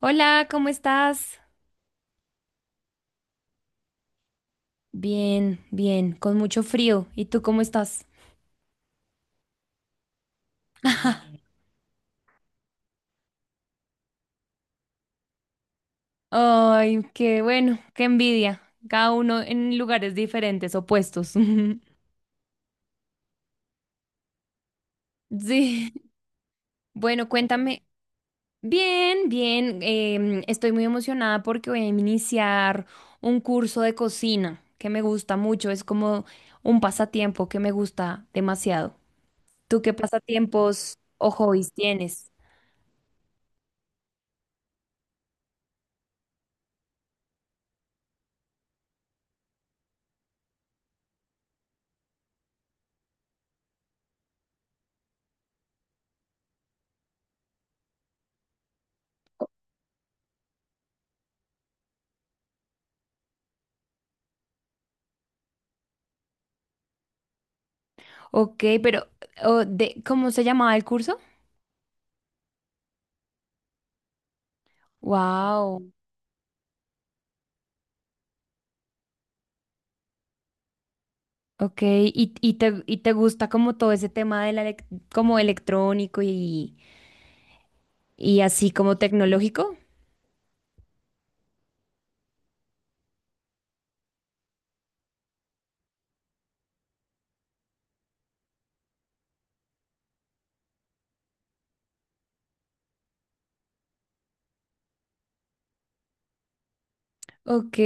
Hola, ¿cómo estás? Bien, bien, con mucho frío. ¿Y tú cómo estás? Ay, qué bueno, qué envidia. Cada uno en lugares diferentes, opuestos. Sí. Bueno, cuéntame. Bien, bien. Estoy muy emocionada porque voy a iniciar un curso de cocina que me gusta mucho. Es como un pasatiempo que me gusta demasiado. ¿Tú qué pasatiempos o hobbies tienes? Ok, pero o de, ¿cómo se llamaba el curso? Wow, ok. ¿Y, y te gusta como todo ese tema de la como electrónico y así como tecnológico? Ok.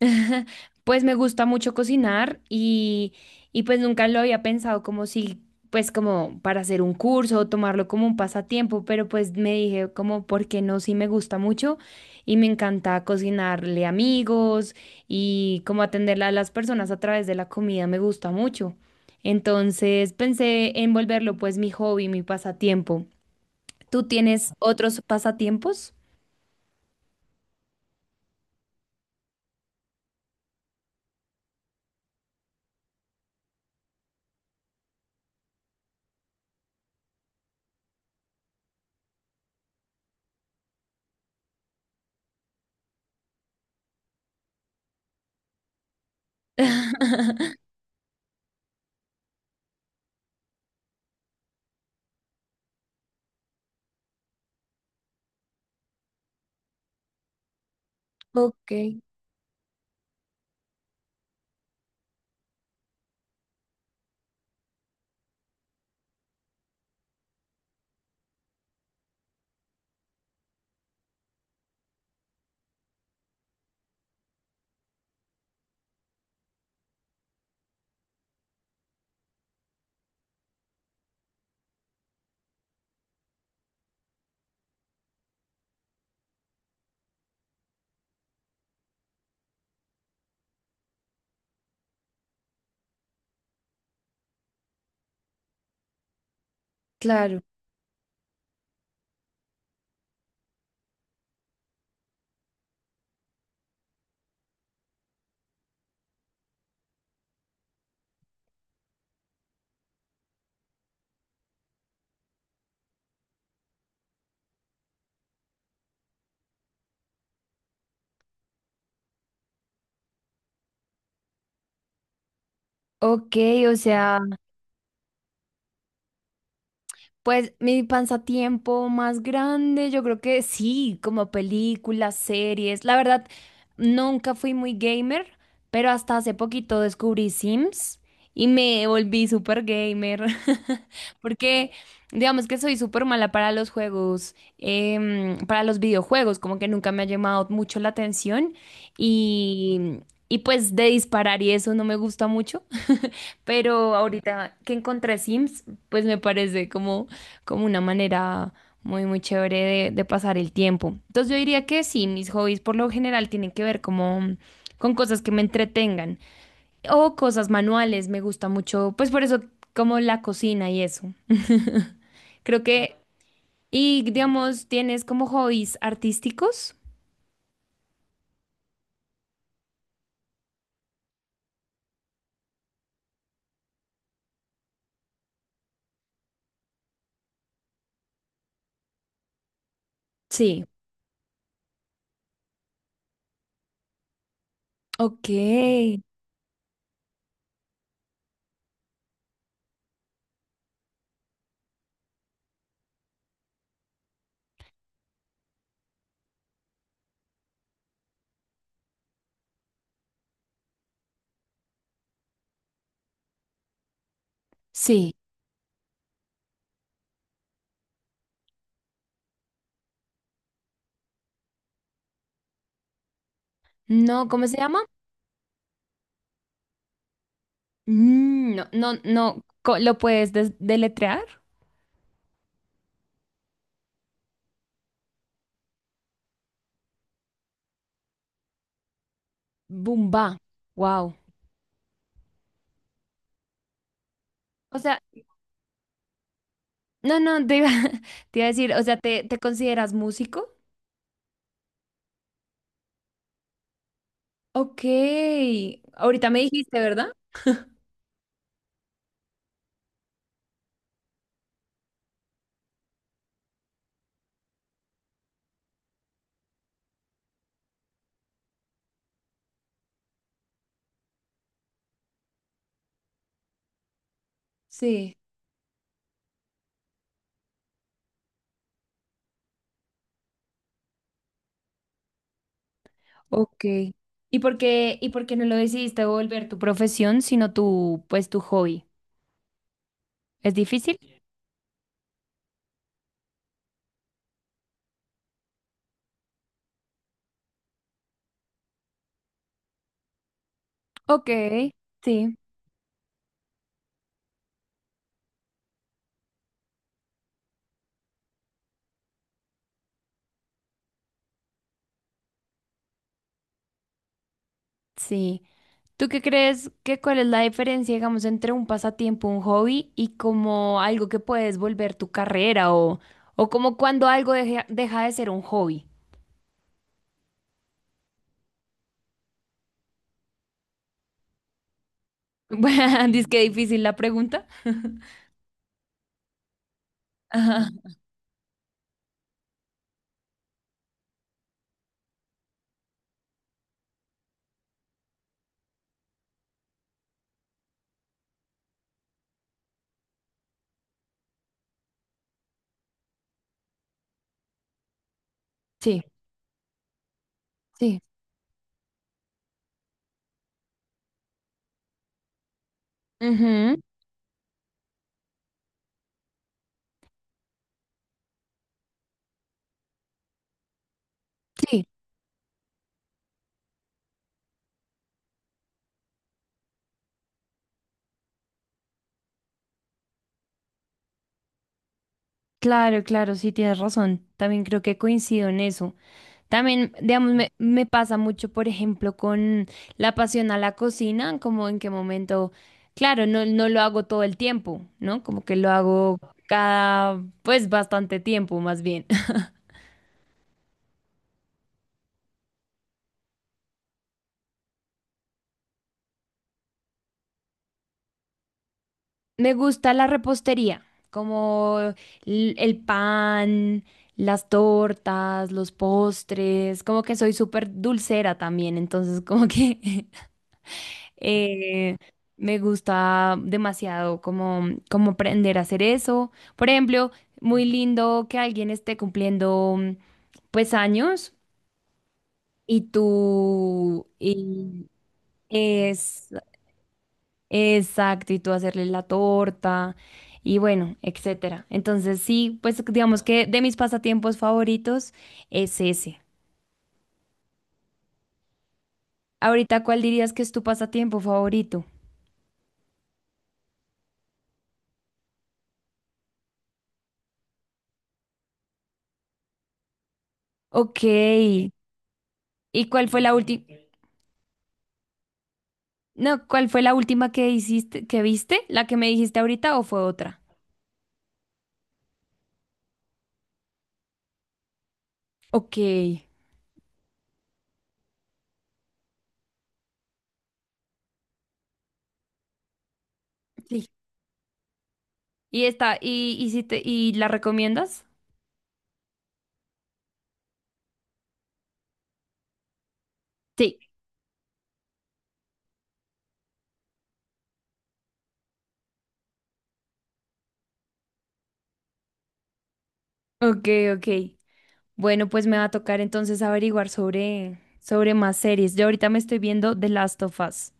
Pues me gusta mucho cocinar y pues nunca lo había pensado como si, pues como para hacer un curso o tomarlo como un pasatiempo, pero pues me dije como, ¿por qué no? Sí me gusta mucho y me encanta cocinarle a amigos y como atender a las personas a través de la comida me gusta mucho. Entonces pensé en volverlo pues mi hobby, mi pasatiempo. ¿Tú tienes otros pasatiempos? Ok, claro. Ok, o sea. Pues mi pasatiempo más grande, yo creo que sí, como películas, series. La verdad, nunca fui muy gamer, pero hasta hace poquito descubrí Sims y me volví súper gamer. Porque digamos que soy súper mala para los juegos, para los videojuegos, como que nunca me ha llamado mucho la atención y, y pues de disparar y eso no me gusta mucho. Pero ahorita que encontré Sims, pues me parece como, como una manera muy, muy chévere de pasar el tiempo. Entonces yo diría que sí, mis hobbies por lo general tienen que ver como con cosas que me entretengan o cosas manuales, me gusta mucho, pues por eso como la cocina y eso. Creo que, y digamos, ¿tienes como hobbies artísticos? Sí, ok, sí. No, ¿cómo se llama? Mm, no, no, no, ¿lo puedes deletrear? Bumba, wow. O sea, no, no, te iba, te iba a decir, o sea, ¿te, te consideras músico? Ok, ahorita me dijiste, ¿verdad? Sí. Ok. Y por qué no lo decidiste volver tu profesión, sino tu, pues, tu hobby? ¿Es difícil? Ok, sí, sí. ¿Tú qué crees que cuál es la diferencia, digamos, entre un pasatiempo, un hobby y como algo que puedes volver tu carrera o como cuando algo deja, deja de ser un hobby? Bueno, dice que difícil la pregunta. Ajá. Sí, sí, ujú, sí. Claro, claro, sí, tienes razón. También creo que coincido en eso. También, digamos, me pasa mucho, por ejemplo, con la pasión a la cocina, como en qué momento, claro, no, no lo hago todo el tiempo, ¿no? Como que lo hago cada, pues, bastante tiempo, más bien. Me gusta la repostería, como el pan, las tortas, los postres, como que soy súper dulcera también, entonces como que eh, me gusta demasiado como, como aprender a hacer eso. Por ejemplo, muy lindo que alguien esté cumpliendo pues años y tú y es exacto, y tú hacerle la torta y bueno, etcétera. Entonces, sí, pues digamos que de mis pasatiempos favoritos es ese. Ahorita, ¿cuál dirías que es tu pasatiempo favorito? Ok. ¿Y cuál fue la última? No, ¿cuál fue la última que hiciste, que viste? ¿La que me dijiste ahorita o fue otra? Ok. Sí. ¿Y esta, y si te, y la recomiendas? Sí. Ok, ok. Bueno, pues me va a tocar entonces averiguar sobre, sobre más series. Yo ahorita me estoy viendo The Last of Us.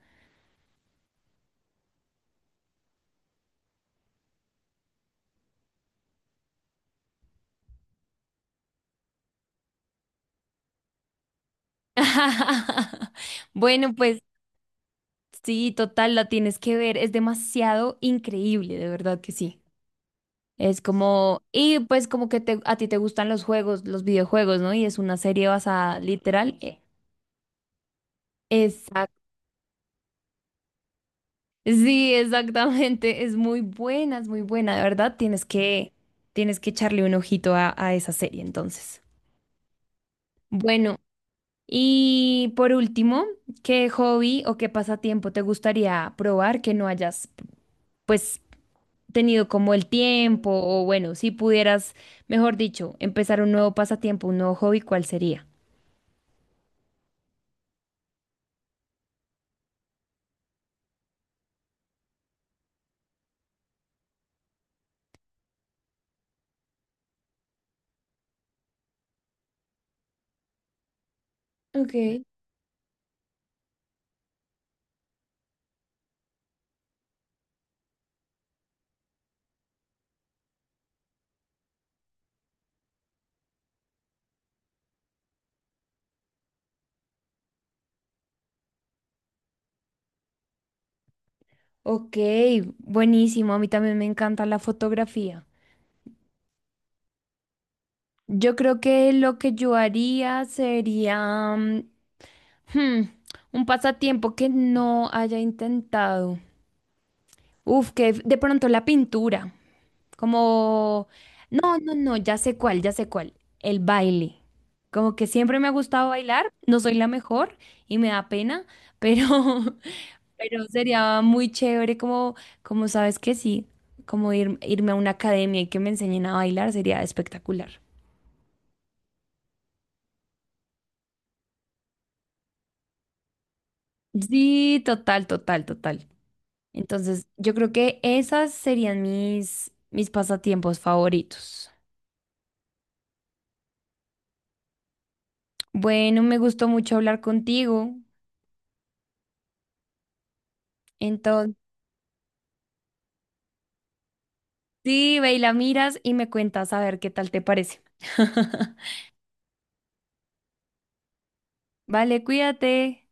Bueno, pues sí, total, la tienes que ver. Es demasiado increíble, de verdad que sí. Es como, y pues como que a ti te gustan los juegos, los videojuegos, ¿no? Y es una serie basada literal. Exacto. Sí, exactamente. Es muy buena, de verdad. Tienes que echarle un ojito a esa serie, entonces. Bueno. Y por último, ¿qué hobby o qué pasatiempo te gustaría probar que no hayas, pues, tenido como el tiempo o bueno, si pudieras, mejor dicho, empezar un nuevo pasatiempo, un nuevo hobby, ¿cuál sería? Okay, ok, buenísimo. A mí también me encanta la fotografía. Yo creo que lo que yo haría sería hmm, un pasatiempo que no haya intentado. Uf, que de pronto la pintura. Como, no, no, no, ya sé cuál, ya sé cuál. El baile. Como que siempre me ha gustado bailar, no soy la mejor y me da pena, pero, pero sería muy chévere como, como sabes que sí, como irme a una academia y que me enseñen a bailar sería espectacular. Sí, total, total, total. Entonces, yo creo que esas serían mis, mis pasatiempos favoritos. Bueno, me gustó mucho hablar contigo. Sí, ve y la miras y me cuentas a ver qué tal te parece. Vale, cuídate.